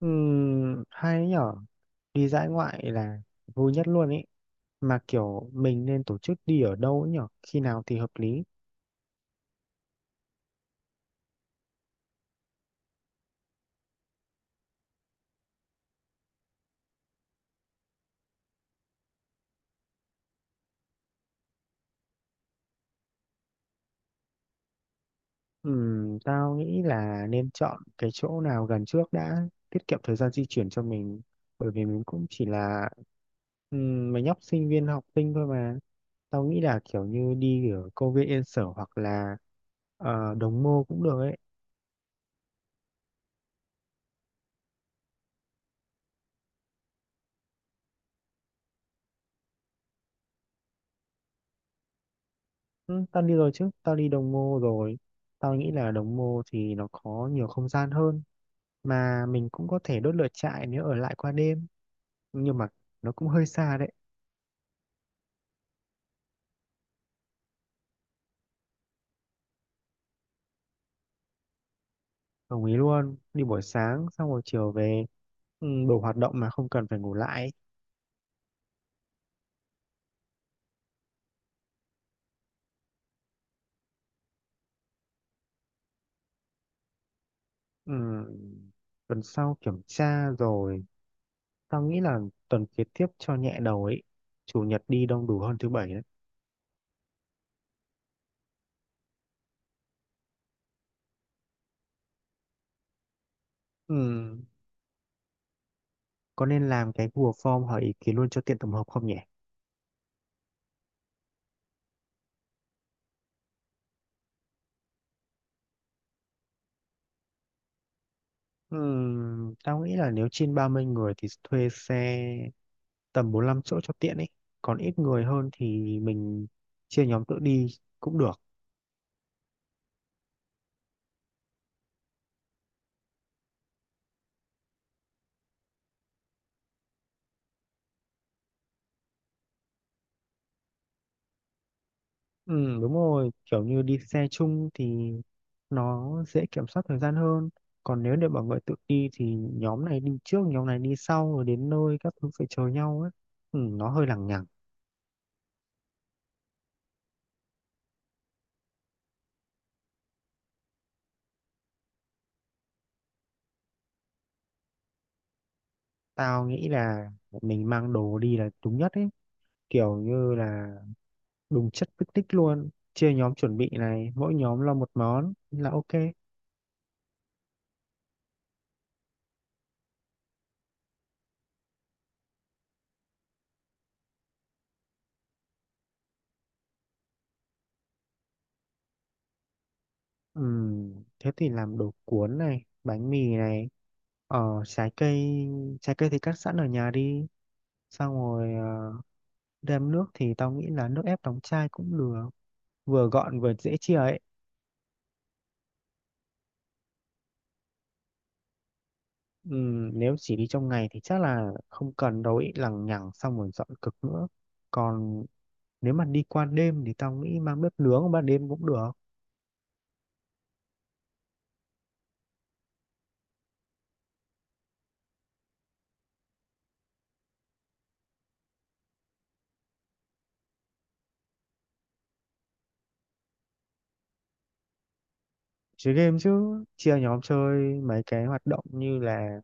Hay nhở, đi dã ngoại là vui nhất luôn ý. Mà kiểu mình nên tổ chức đi ở đâu ấy nhở, khi nào thì hợp lý? Tao nghĩ là nên chọn cái chỗ nào gần trước đã, tiết kiệm thời gian di chuyển cho mình, bởi vì mình cũng chỉ là mấy nhóc sinh viên học sinh thôi mà. Tao nghĩ là kiểu như đi ở công viên Yên Sở hoặc là Đồng Mô cũng được ấy. Ừ, tao đi rồi, chứ tao đi Đồng Mô rồi. Tao nghĩ là Đồng Mô thì nó có nhiều không gian hơn, mà mình cũng có thể đốt lửa trại nếu ở lại qua đêm, nhưng mà nó cũng hơi xa đấy. Đồng ý luôn, đi buổi sáng xong rồi chiều về. Ừ, đủ hoạt động mà không cần phải ngủ lại. Ừ, tuần sau kiểm tra rồi, tao nghĩ là tuần kế tiếp cho nhẹ đầu ấy. Chủ nhật đi đông đủ hơn thứ bảy đấy. Ừ, có nên làm cái Google Form hỏi ý kiến luôn cho tiện tổng hợp không nhỉ? Ừ, tao nghĩ là nếu trên 30 người thì thuê xe tầm 45 chỗ cho tiện ấy. Còn ít người hơn thì mình chia nhóm tự đi cũng được. Ừ, đúng rồi, kiểu như đi xe chung thì nó dễ kiểm soát thời gian hơn. Còn nếu để mọi người tự đi thì nhóm này đi trước, nhóm này đi sau rồi đến nơi các thứ phải chờ nhau ấy. Ừ, nó hơi lằng nhằng. Tao nghĩ là mình mang đồ đi là đúng nhất ấy, kiểu như là đúng chất picnic luôn, chia nhóm chuẩn bị này, mỗi nhóm lo một món là ok. Thế thì làm đồ cuốn này, bánh mì này, trái cây. Trái cây thì cắt sẵn ở nhà đi. Xong rồi đem nước thì tao nghĩ là nước ép đóng chai cũng được, vừa gọn vừa dễ chia ấy. Nếu chỉ đi trong ngày thì chắc là không cần đâu ý, lằng nhằng xong rồi dọn cực nữa. Còn nếu mà đi qua đêm thì tao nghĩ mang bếp nướng ban đêm cũng được. Chơi game chứ, chia nhóm chơi mấy cái hoạt động như là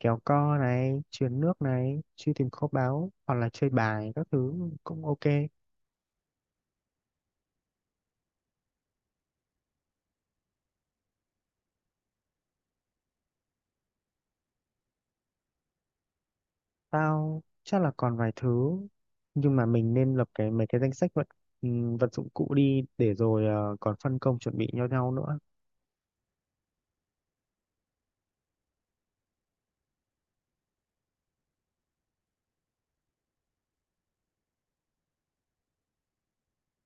kéo co này, truyền nước này, truy tìm kho báu hoặc là chơi bài các thứ cũng ok. Tao chắc là còn vài thứ, nhưng mà mình nên lập cái mấy cái danh sách vật vật dụng cụ đi để rồi còn phân công chuẩn bị cho nhau nữa.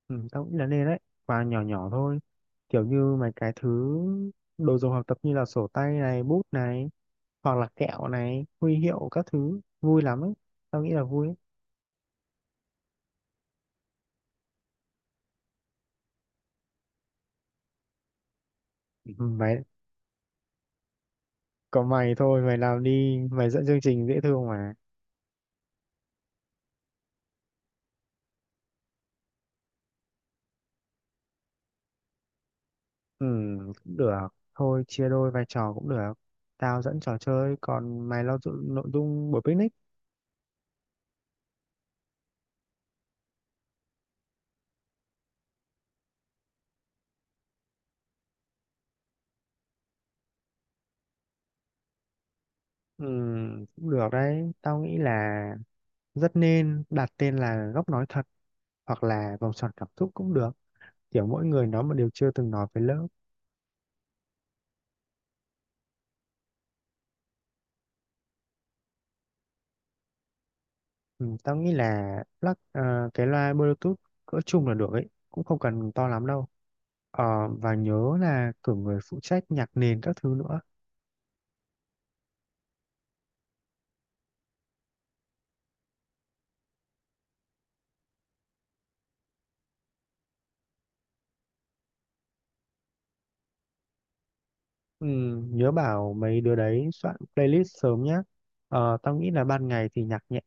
Ừ, tao nghĩ là nên đấy, và nhỏ nhỏ thôi, kiểu như mấy cái thứ đồ dùng học tập như là sổ tay này, bút này hoặc là kẹo này, huy hiệu các thứ vui lắm ấy. Tao nghĩ là vui ấy. Ừ, mày có mày thôi, mày làm đi, mày dẫn chương trình dễ thương mà. Ừ, cũng được. Thôi chia đôi vai trò cũng được. Tao dẫn trò chơi, còn mày lo nội dung buổi picnic. Ừ, cũng được đấy. Tao nghĩ là rất nên đặt tên là góc nói thật hoặc là vòng tròn cảm xúc cũng được. Kiểu mỗi người nói một điều chưa từng nói với lớp. Ừ, tao nghĩ là cái loa Bluetooth cỡ chung là được ấy. Cũng không cần to lắm đâu. Và nhớ là cử người phụ trách nhạc nền các thứ nữa. Ừ, nhớ bảo mấy đứa đấy soạn playlist sớm nhé. Tao nghĩ là ban ngày thì nhạc nhẹ,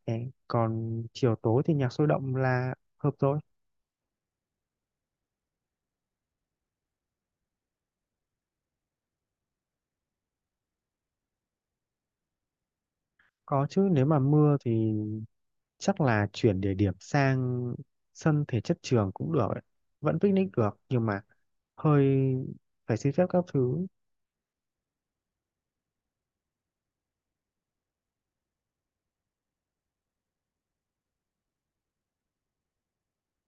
còn chiều tối thì nhạc sôi động là hợp rồi. Có chứ, nếu mà mưa thì chắc là chuyển địa điểm sang sân thể chất trường cũng được ấy. Vẫn picnic được nhưng mà hơi phải xin phép các thứ.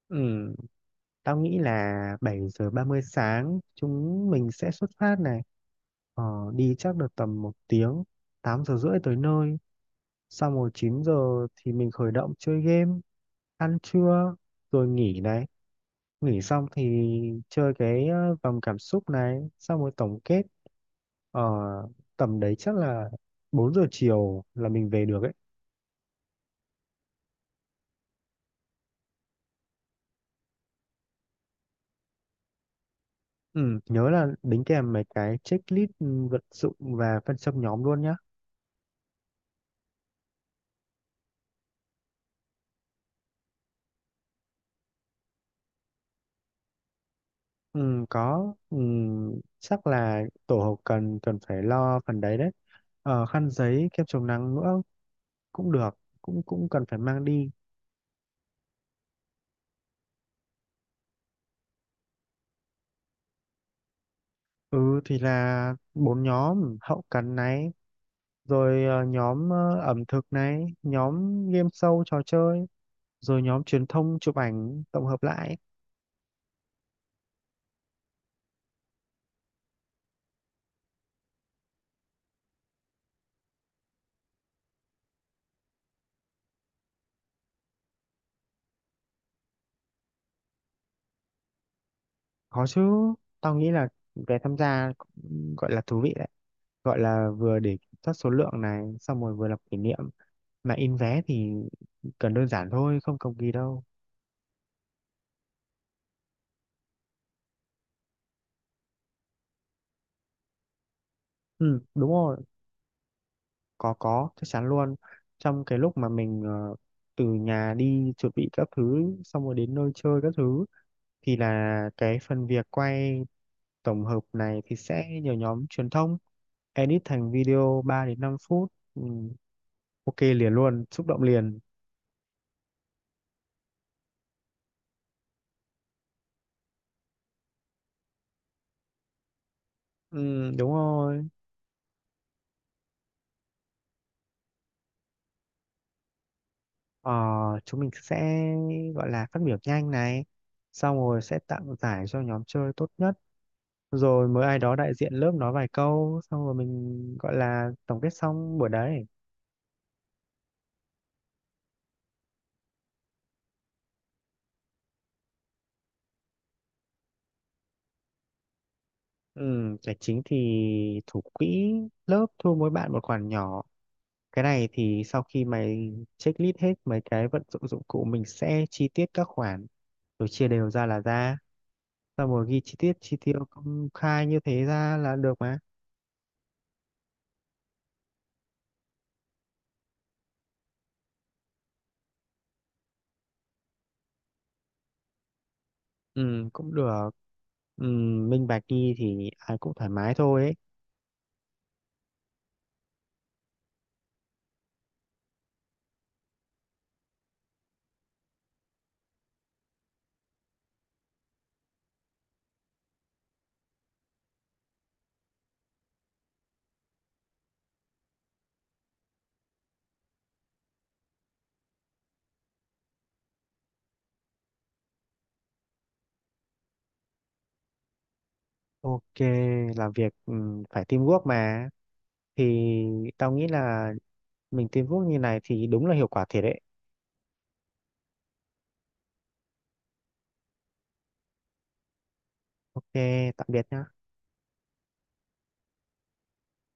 Ừ, tao nghĩ là 7:30 sáng chúng mình sẽ xuất phát này. Ờ, Đi chắc được tầm 1 tiếng, 8:30 tới nơi. Xong rồi 9 giờ thì mình khởi động chơi game, ăn trưa rồi nghỉ này. Nghỉ xong thì chơi cái vòng cảm xúc này, xong rồi tổng kết ở tầm đấy chắc là 4 giờ chiều là mình về được ấy. Ừ, nhớ là đính kèm mấy cái checklist vật dụng và phân xâm nhóm luôn nhá. Ừ, có. Ừ, Chắc là tổ hợp cần cần phải lo phần đấy đấy. Khăn giấy kem chống nắng nữa cũng được, cũng cũng cần phải mang đi. Ừ thì là bốn nhóm hậu cần này, rồi nhóm ẩm thực này, nhóm game show trò chơi, rồi nhóm truyền thông chụp ảnh tổng hợp lại. Có chứ, tao nghĩ là về tham gia cũng gọi là thú vị đấy, gọi là vừa để kiểm soát số lượng này, xong rồi vừa làm kỷ niệm. Mà in vé thì cần đơn giản thôi, không cầu kỳ đâu. Ừ đúng rồi, có, chắc chắn luôn. Trong cái lúc mà mình từ nhà đi chuẩn bị các thứ xong rồi đến nơi chơi các thứ thì là cái phần việc quay tổng hợp này thì sẽ nhờ nhóm truyền thông edit thành video 3 đến 5 phút. Ừ, ok liền luôn, xúc động liền. Ừ, đúng rồi. ờ, Chúng mình sẽ gọi là phát biểu nhanh này, xong rồi sẽ tặng giải cho nhóm chơi tốt nhất, rồi mới ai đó đại diện lớp nói vài câu xong rồi mình gọi là tổng kết xong buổi đấy. Ừ, tài chính thì thủ quỹ lớp thu mỗi bạn một khoản nhỏ. Cái này thì sau khi mày checklist hết mấy cái vận dụng dụng cụ mình sẽ chi tiết các khoản rồi chia đều ra là ra. Xong rồi ghi chi tiết chi tiêu công khai như thế ra là được mà. Ừ cũng được. Ừ, minh bạch đi thì ai cũng thoải mái thôi ấy. Ok, làm việc phải teamwork mà. Thì tao nghĩ là mình teamwork như này thì đúng là hiệu quả thiệt đấy. Ok, tạm biệt nhá.